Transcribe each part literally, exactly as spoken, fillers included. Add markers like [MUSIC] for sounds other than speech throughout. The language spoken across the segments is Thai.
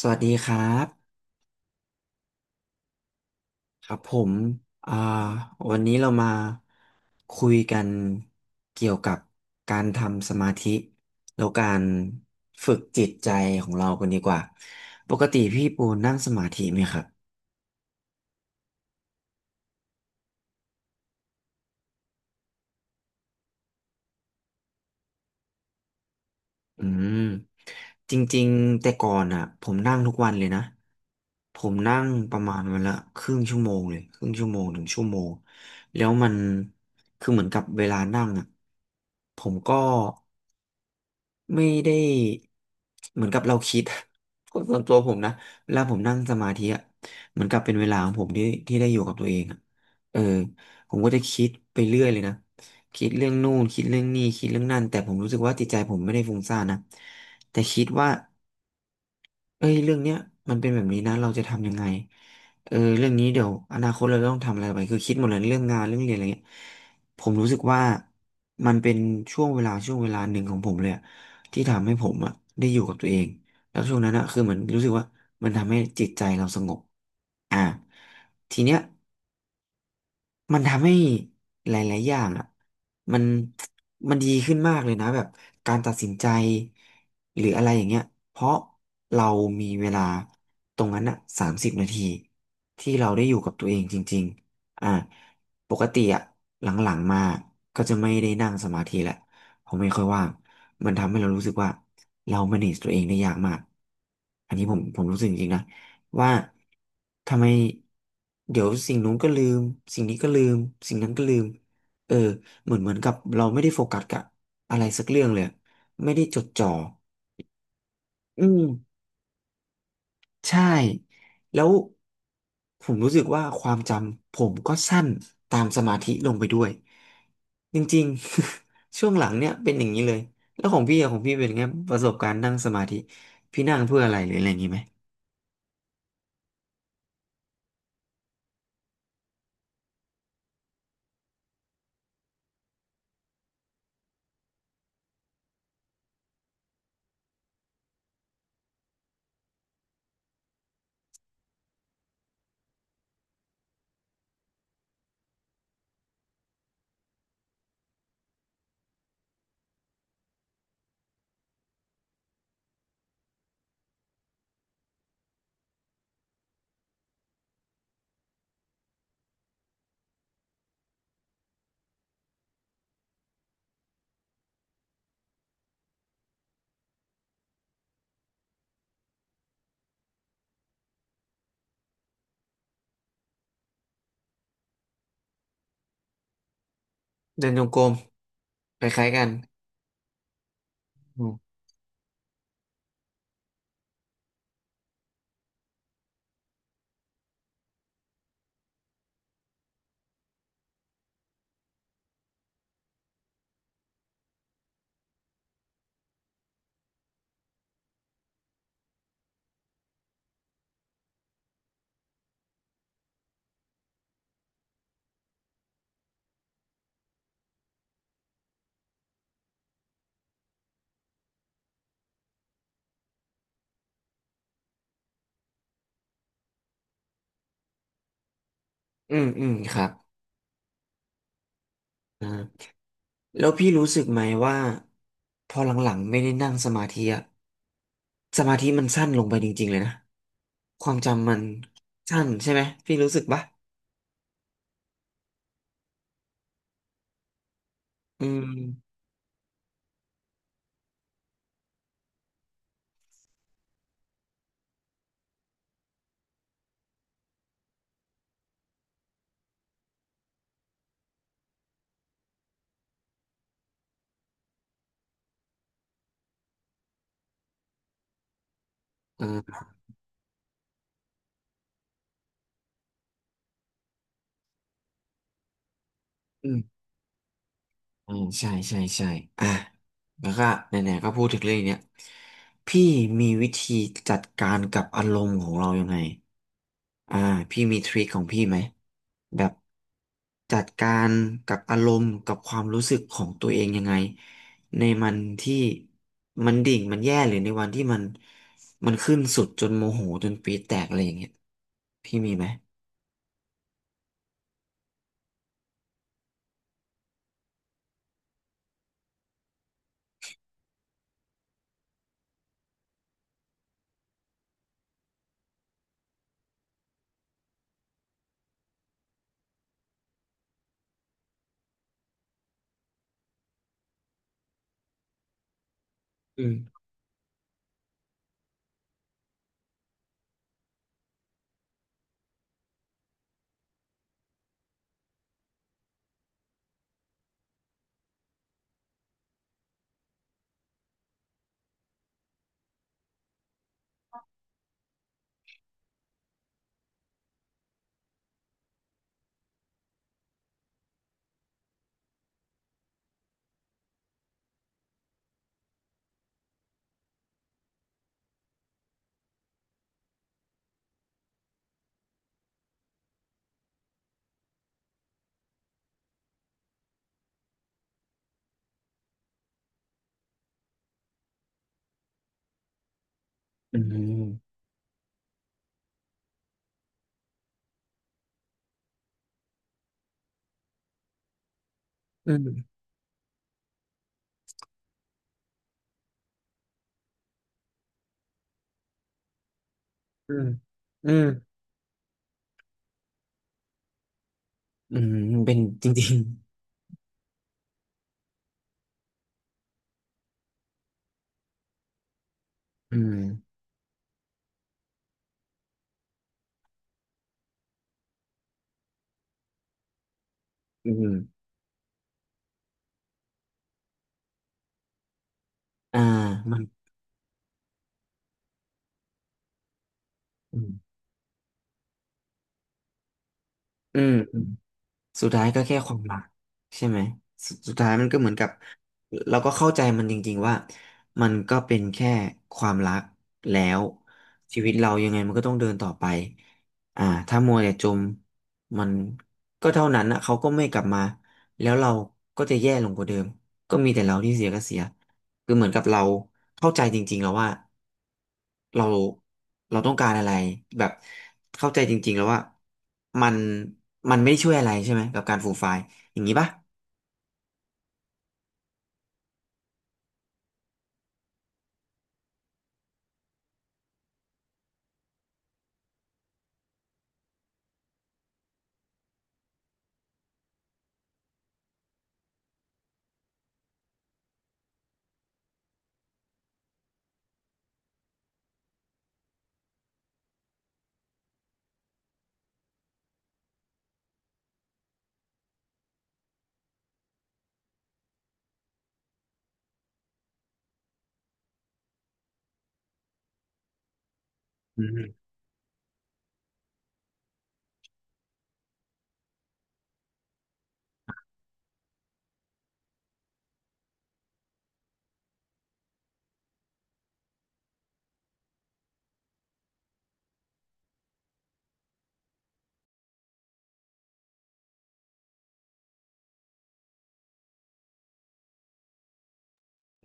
สวัสดีครับครับผมอ่าวันนี้เรามาคุยกันเกี่ยวกับการทำสมาธิแล้วการฝึกจิตใจของเรากันดีกว่าปกติพี่ปูนั่งสมาธิไหมครับอืมจริงๆแต่ก่อนอ่ะผมนั่งทุกวันเลยนะผมนั่งประมาณวันละครึ่งชั่วโมงเลยครึ่งชั่วโมงถึงชั่วโมงแล้วมันคือเหมือนกับเวลานั่งอ่ะผมก็ ไม่ได้เหมือนกับเราคิด [LAUGHS] คนส่วนตัวผมนะเวลาผมนั่งสมาธิอ่ะเหมือนกับเป็นเวลาของผมที่ที่ได้อยู่กับตัวเองอ่ะเออผมก็จะคิดไปเรื่อยเลยนะคิดเรื่องนู่นคิดเรื่องนี่คิดเรื่องนั่นแต่ผมรู้สึกว่าจิตใจผมไม่ได้ฟุ้งซ่านนะแต่คิดว่า เอ้ยเรื่องเนี้ยมันเป็นแบบนี้นะเราจะทำยังไงเออเรื่องนี้เดี๋ยวอนาคตเราต้องทำอะไรไปคือคิดหมดเลยเรื่องงานเรื่องเรียนอะไรเงี้ยผมรู้สึกว่ามันเป็นช่วงเวลาช่วงเวลาหนึ่งของผมเลยอะที่ทำให้ผมอะได้อยู่กับตัวเองแล้วช่วงนั้นอะคือเหมือนรู้สึกว่ามันทำให้จิตใจเราสงบอ่าทีเนี้ย มันทำให้หลายๆอย่างอ่ะมันมันดีขึ้นมากเลยนะแบบการตัดสินใจหรืออะไรอย่างเงี้ยเพราะเรามีเวลาตรงนั้นอ่ะสามสิบนาทีที่เราได้อยู่กับตัวเองจริงๆอ่าปกติอ่ะหลังๆมาก็จะไม่ได้นั่งสมาธิแหละผมไม่ค่อยว่างมันทำให้เรารู้สึกว่าเรา manage ตัวเองได้ยากมากอันนี้ผมผมรู้สึกจริงๆนะ ว่าทำไมเดี๋ยวสิ่งนู้นก็ลืมสิ่งนี้ก็ลืมสิ่งนั้นก็ลืมเออเหมือนเหมือนกับเราไม่ได้โฟกัสกับอะไรสักเรื่องเลยไม่ได้จดจ่ออืมใช่แล้วผมรู้สึกว่าความจำผมก็สั้นตามสมาธิลงไปด้วยจริงๆ [LAUGHS] ช่วงหลังเนี่ยเป็นอย่างนี้เลยแล้วของพี่อะของพี่เป็นไงประสบการณ์นั่งสมาธิพี่นั่งเพื่ออะไรหรืออะไรอย่างนี้ไหมเดินจงกรมคล้ายๆกัน อืมอืมครับอ่าแล้วพี่รู้สึกไหมว่าพอหลังๆไม่ได้นั่งสมาธิอะสมาธิมันสั้นลงไปจริงๆเลยนะความจำมันสั้นใช่ไหมพี่รู้สึกปะอืมอ่า อืมใช่ใช่ใช่อ่ะแล้วก็ไหนๆก็พูดถึงเรื่องเนี้ยพี่มีวิธีจัดการกับอารมณ์ของเรายังไงอ่าพี่มีทริคของพี่ไหมแบบจัดการกับอารมณ์กับความรู้สึกของตัวเองยังไงในมันที่มันดิ่งมันแย่หรือในวันที่มันมันขึ้นสุดจนโมโหจนปี๊ดแตกอะไรอย่างเงี้ยพี่มีไหมอืมอืมอืมอืมอืมอืมเป็นจริง อืมอืมอ่ามันอืมอืมอืมสุดท้ายก็แค่ความรักใช่ไหมสสุดท้ายมันก็เหมือนกับเราก็เข้าใจมันจริงๆว่ามันก็เป็นแค่ความรักแล้วชีวิตเรายังไงมันก็ต้องเดินต่อไปอ่าถ้ามัวแต่จมมันก็เท่านั้นนะเขาก็ไม่กลับมาแล้วเราก็จะแย่ลงกว่าเดิมก็มีแต่เราที่เสียก็เสีย คือเหมือนกับเราเข้าใจจริงๆแล้วว่าเราเราต้องการอะไรแบบเข้าใจจริงๆแล้วว่ามันมันไม่ได้ช่วยอะไรใช่ไหมกับการฟูลไฟล์อย่างนี้ปะ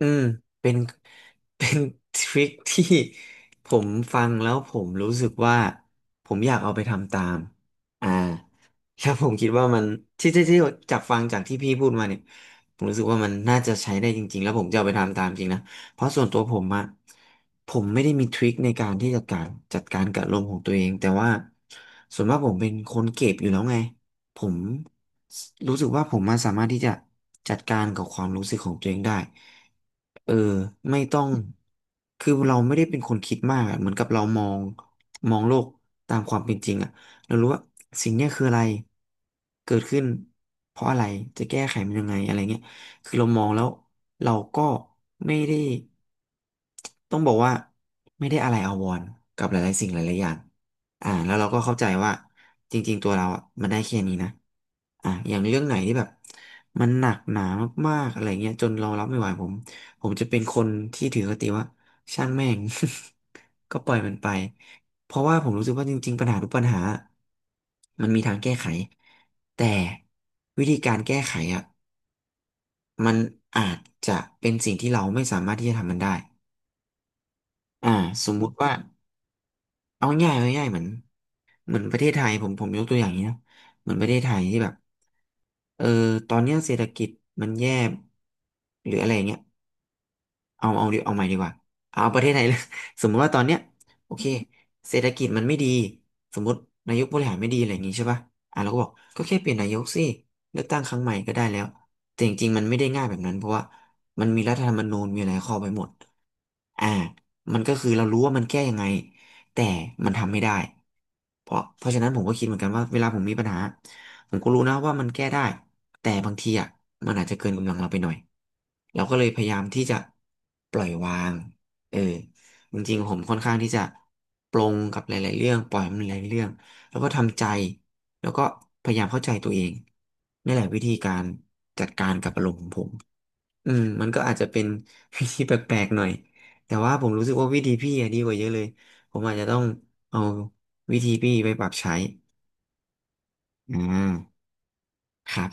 อืมเป็น [LAUGHS] เป็นทริคที่ผมฟังแล้วผมรู้สึกว่าผมอยากเอาไปทำตามอ่าแล้วผมคิดว่ามันที่ที่ที่จากฟังจากที่พี่พูดมาเนี่ยผมรู้สึกว่ามันน่าจะใช้ได้จริงๆแล้วผมจะเอาไปทำตามจริงนะเพราะส่วนตัวผมอะผมไม่ได้มีทริคในการที่จะการจัดการกับอารมณ์ของตัวเองแต่ว่าส่วนมากผมเป็นคนเก็บอยู่แล้วไง ผมรู้สึกว่าผมมาสามารถที่จะจัดการกับความรู้สึกของตัวเองได้เออไม่ต้องคือเราไม่ได้เป็นคนคิดมากอะเหมือนกับเรามองมองโลกตามความเป็นจริงอะเรารู้ว่าสิ่งเนี้ยคืออะไรเกิดขึ้นเพราะอะไร จะแก้ไขมันยังไงอะไรเงี้ยคือเรามองแล้วเราก็ไม่ได้ต้องบอกว่าไม่ได้อะไรอาวรณ์กับหลายๆสิ่งหลายๆอย่าง อ่าแล้วเราก็เข้าใจว่าจริงๆตัวเราอ่ะมันได้แค่นี้นะอ่าอย่างเรื่องไหนที่แบบมันหนักหนามากๆอะไรเงี้ยจนเรารับไม่ไหวผมผมจะเป็นคนที่ถือคติว่าช่างแม่ง [LAUGHS] ก็ปล่อยมันไปเพราะว่าผมรู้สึกว่าจริงๆปัญหาทุกปัญหามันมีทางแก้ไขแต่วิธีการแก้ไขอ่ะมันอาจจะเป็นสิ่งที่เราไม่สามารถที่จะทำมันได้อ่าสมมุติว่าเอาง่ายๆเอาง่ายๆเหมือน เหมือนประเทศไทยผมผมยกตัวอย่างนี้นะเหมือนประเทศไทยที่แบบเออตอนเนี้ยเศรษฐกิจมันแย่หรืออะไรอย่างเงี้ยเอาเอาเอาใหม่ดีกว่าเอาประเทศไทยเลย [LAUGHS] สมมติว่าตอนเนี้ยโอเคเศรษฐกิจมันไม่ดีสมมตินายกบริหารไม่ดีอะไรอย่างงี้ใช่ป่ะอ่ะเราก็บอกก็แค่เปลี่ยนนายกสิเลือกตั้งครั้งใหม่ก็ได้แล้วแต่จริงๆมันไม่ได้ง่ายแบบนั้นเพราะว่ามันมีรัฐธรรมนูญมีหะายข้อไป้หมดอ่ามันก็คือเรารู้ว่ามันแก้ยังไง แต่มันทำไม่ได้ เพราะเพราะฉะนั้นผมก็คิดเหมือนกันว่าเวลาผมมีปัญหาผมก็รู้นะว่ามันแก้ได้ แต่บางทีอ่ะมันอาจจะเกินกำลังเราไปหน่อย เราก็เลยพยายามที่จะปล่อยวางเออจริงๆผมค่อนข้างที่จะปลงกับหลายๆเรื่องปล่อยมันหลายๆเรื่องแล้วก็ทำใจแล้วก็พยายามเข้าใจตัวเองนี่แหละวิธีการจัดการกับอารมณ์ของผม อืมมันก็อาจจะเป็น [LAUGHS] วิธีแปลกๆหน่อยแต่ว่าผมรู้สึกว่าวิธีพี่อะดีกว่าเยอะเลยผมอาจจะต้องเอาวิธีพี่ไปปรับใช้อ่าครับ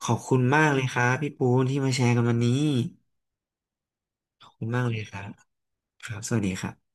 ขอบคุณมากเลยครับพี่ปูนที่มาแชร์กันวันนี้ขอบคุณมากเลยครับครับสวัสดีครับ